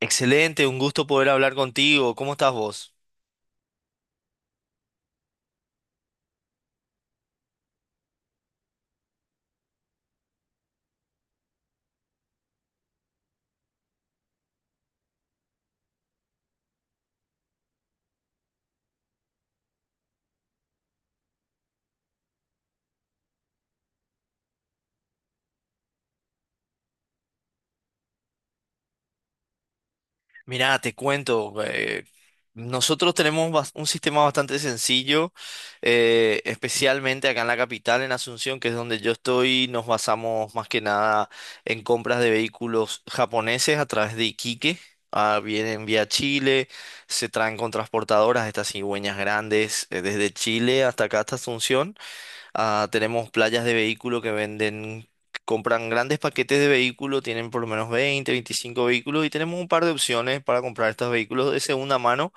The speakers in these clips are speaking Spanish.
Excelente, un gusto poder hablar contigo. ¿Cómo estás vos? Mirá, te cuento. Nosotros tenemos un sistema bastante sencillo, especialmente acá en la capital, en Asunción, que es donde yo estoy. Nos basamos más que nada en compras de vehículos japoneses a través de Iquique. Ah, vienen vía Chile, se traen con transportadoras, estas cigüeñas grandes, desde Chile hasta acá, hasta Asunción. Ah, tenemos playas de vehículo que venden, compran grandes paquetes de vehículo, tienen por lo menos 20 a 25 vehículos y tenemos un par de opciones para comprar estos vehículos de segunda mano,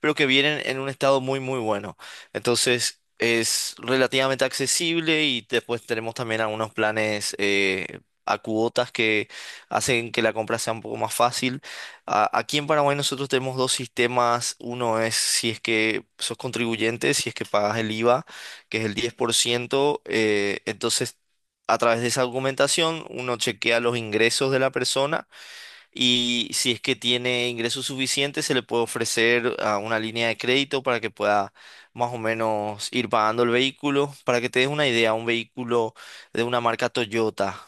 pero que vienen en un estado muy, muy bueno. Entonces es relativamente accesible y después tenemos también algunos planes a cuotas que hacen que la compra sea un poco más fácil. Aquí en Paraguay nosotros tenemos dos sistemas. Uno es si es que sos contribuyente, si es que pagas el IVA, que es el 10%. Entonces, a través de esa argumentación, uno chequea los ingresos de la persona, y si es que tiene ingresos suficientes se le puede ofrecer una línea de crédito para que pueda más o menos ir pagando el vehículo. Para que te des una idea, un vehículo de una marca Toyota,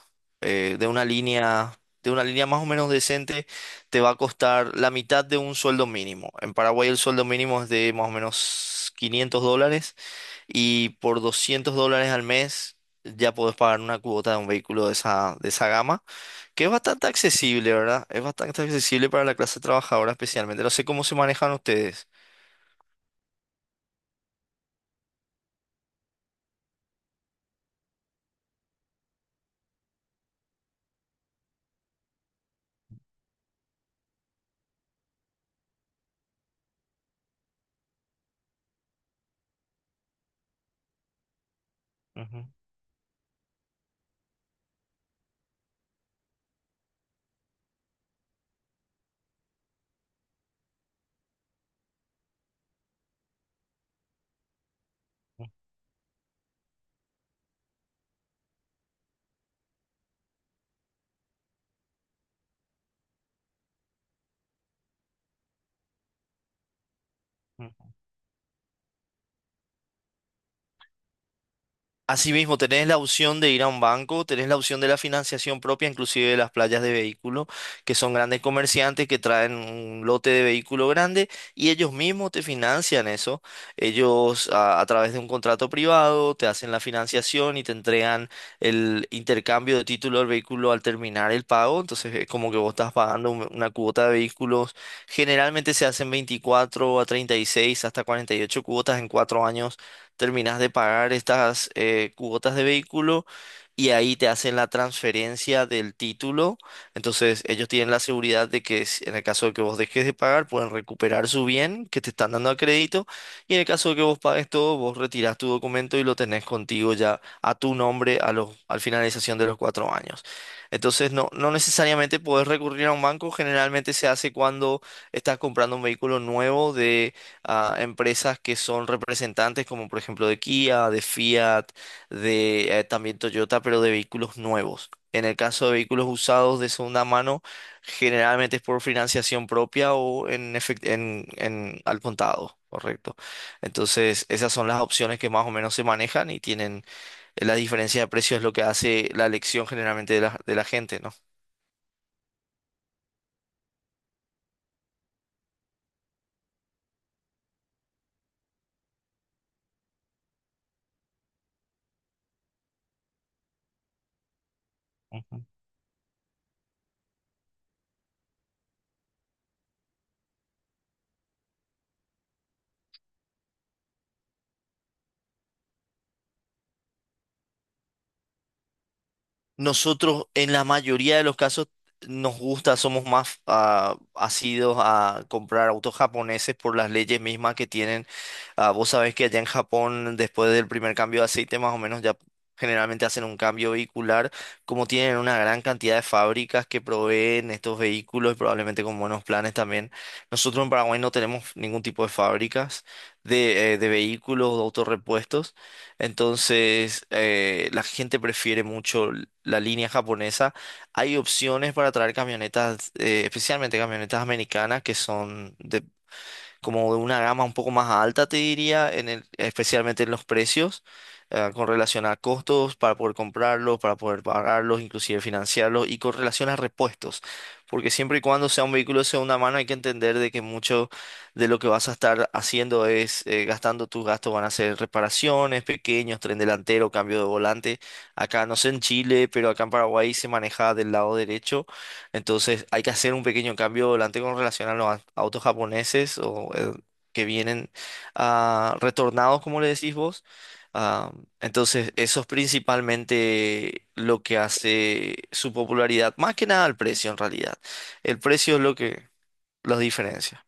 eh, de una línea... De una línea más o menos decente, te va a costar la mitad de un sueldo mínimo. En Paraguay el sueldo mínimo es de más o menos $500, y por $200 al mes ya podés pagar una cuota de un vehículo de esa gama, que es bastante accesible, ¿verdad? Es bastante accesible para la clase trabajadora especialmente. No sé cómo se manejan ustedes. Ujú, ujú. Asimismo, tenés la opción de ir a un banco, tenés la opción de la financiación propia, inclusive de las playas de vehículos, que son grandes comerciantes que traen un lote de vehículo grande y ellos mismos te financian eso. Ellos a través de un contrato privado te hacen la financiación y te entregan el intercambio de título del vehículo al terminar el pago. Entonces es como que vos estás pagando una cuota de vehículos. Generalmente se hacen 24 a 36 hasta 48 cuotas. En cuatro años terminas de pagar estas cuotas de vehículo y ahí te hacen la transferencia del título. Entonces ellos tienen la seguridad de que en el caso de que vos dejes de pagar, pueden recuperar su bien que te están dando a crédito, y en el caso de que vos pagues todo, vos retirás tu documento y lo tenés contigo ya a tu nombre a los, al finalización de los cuatro años. Entonces no, no necesariamente podés recurrir a un banco, generalmente se hace cuando estás comprando un vehículo nuevo a empresas que son representantes, como por ejemplo de Kia, de Fiat, de también Toyota, pero de vehículos nuevos. En el caso de vehículos usados de segunda mano, generalmente es por financiación propia o en, en al contado, correcto. Entonces, esas son las opciones que más o menos se manejan y tienen la diferencia de precios es lo que hace la elección generalmente de la gente, ¿no? Nosotros en la mayoría de los casos nos gusta, somos más asidos a comprar autos japoneses por las leyes mismas que tienen. Ah, vos sabés que allá en Japón, después del primer cambio de aceite, más o menos ya generalmente hacen un cambio vehicular, como tienen una gran cantidad de fábricas que proveen estos vehículos y probablemente con buenos planes también. Nosotros en Paraguay no tenemos ningún tipo de fábricas de vehículos o autorrepuestos, entonces la gente prefiere mucho la línea japonesa. Hay opciones para traer camionetas, especialmente camionetas americanas que son de como de una gama un poco más alta, te diría, en especialmente en los precios, con relación a costos para poder comprarlos, para poder pagarlos, inclusive financiarlos, y con relación a repuestos. Porque siempre y cuando sea un vehículo de segunda mano, hay que entender de que mucho de lo que vas a estar haciendo es gastando tus gastos, van a ser reparaciones, pequeños, tren delantero, cambio de volante. Acá, no sé en Chile, pero acá en Paraguay se maneja del lado derecho, entonces hay que hacer un pequeño cambio volante con relación a los autos japoneses o que vienen retornados, como le decís vos. Ah, entonces eso es principalmente lo que hace su popularidad, más que nada el precio en realidad. El precio es lo que los diferencia.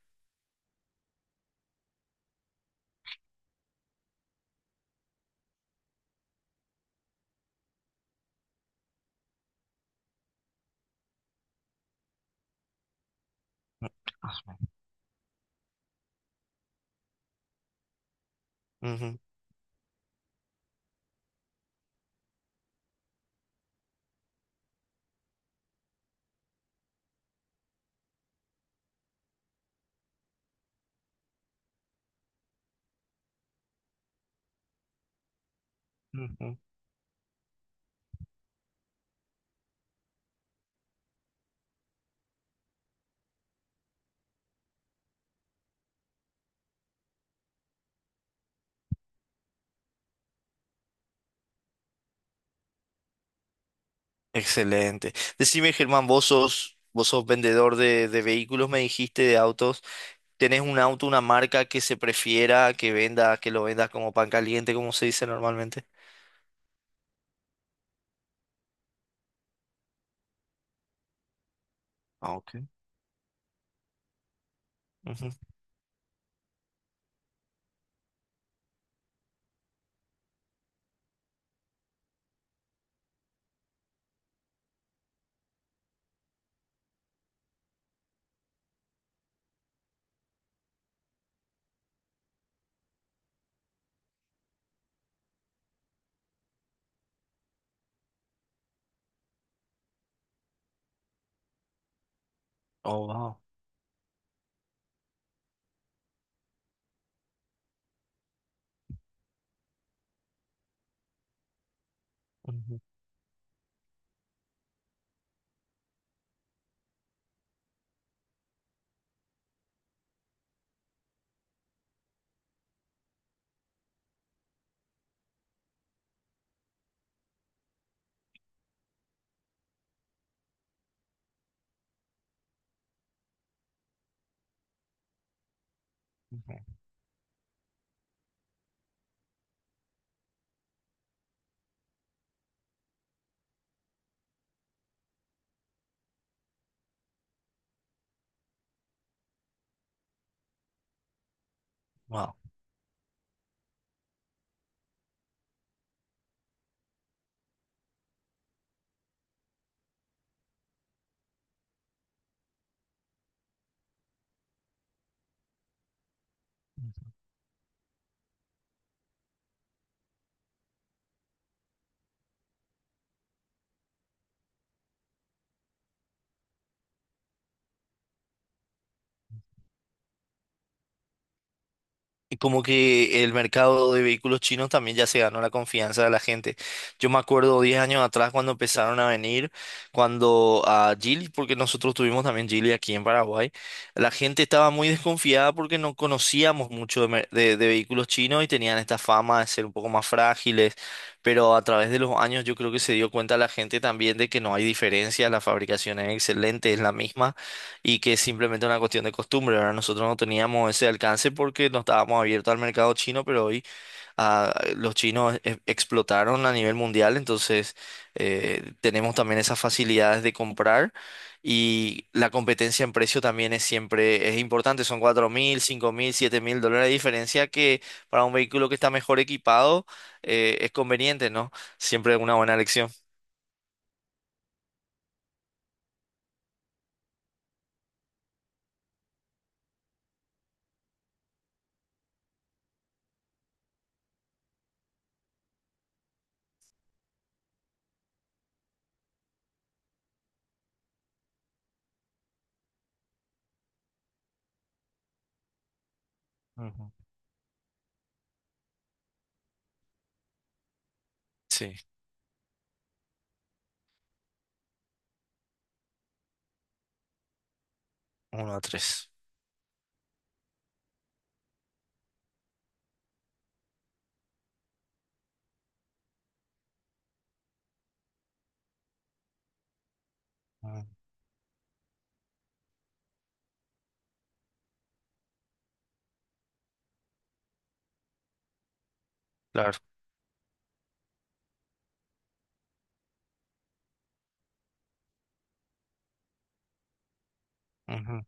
Ujú, ujú. Excelente. Decime, Germán, vos sos vendedor de vehículos, me dijiste, de autos. ¿Tenés un auto, una marca que se prefiera que venda, que lo vendas como pan caliente, como se dice normalmente? Ah, ok. Ujú. Oh, wow. Ujú, ujú. Wow. Como que el mercado de vehículos chinos también ya se ganó la confianza de la gente. Yo me acuerdo 10 años atrás cuando empezaron a venir, cuando a Geely, porque nosotros tuvimos también Geely aquí en Paraguay, la gente estaba muy desconfiada porque no conocíamos mucho de, de vehículos chinos, y tenían esta fama de ser un poco más frágiles, pero a través de los años yo creo que se dio cuenta la gente también de que no hay diferencia, la fabricación es excelente, es la misma, y que es simplemente una cuestión de costumbre. Ahora nosotros no teníamos ese alcance porque no estábamos abiertos al mercado chino, pero hoy los chinos explotaron a nivel mundial, entonces tenemos también esas facilidades de comprar, y la competencia en precio también es siempre es importante. Son 4.000, 5.000, 7.000 dólares de diferencia que para un vehículo que está mejor equipado es conveniente, ¿no? Siempre una buena elección. Ujú, sí, uno a tres, ujú. Claro. Ujú.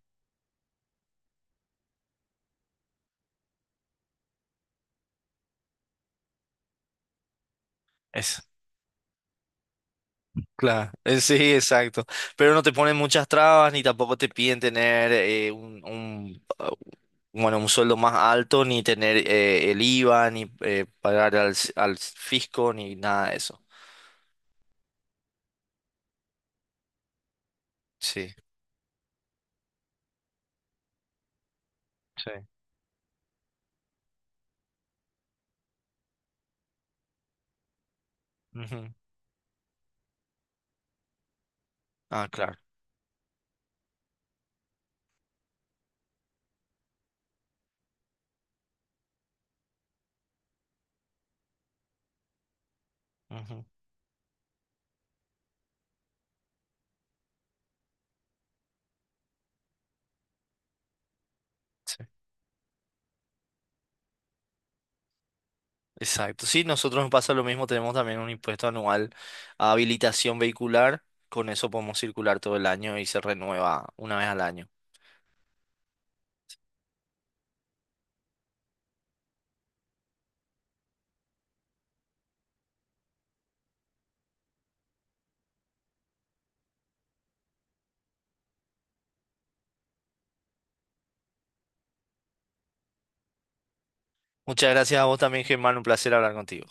Eso. Claro, sí, exacto. Pero no te ponen muchas trabas ni tampoco te piden tener un sueldo más alto, ni tener el IVA, ni pagar al, al fisco, ni nada de eso. Sí. Sí. Ujú. Ah, claro. Ujú. Sí. Exacto. Sí, nosotros nos pasa lo mismo, tenemos también un impuesto anual a habilitación vehicular, con eso podemos circular todo el año y se renueva una vez al año. Muchas gracias a vos también, Germán, un placer hablar contigo.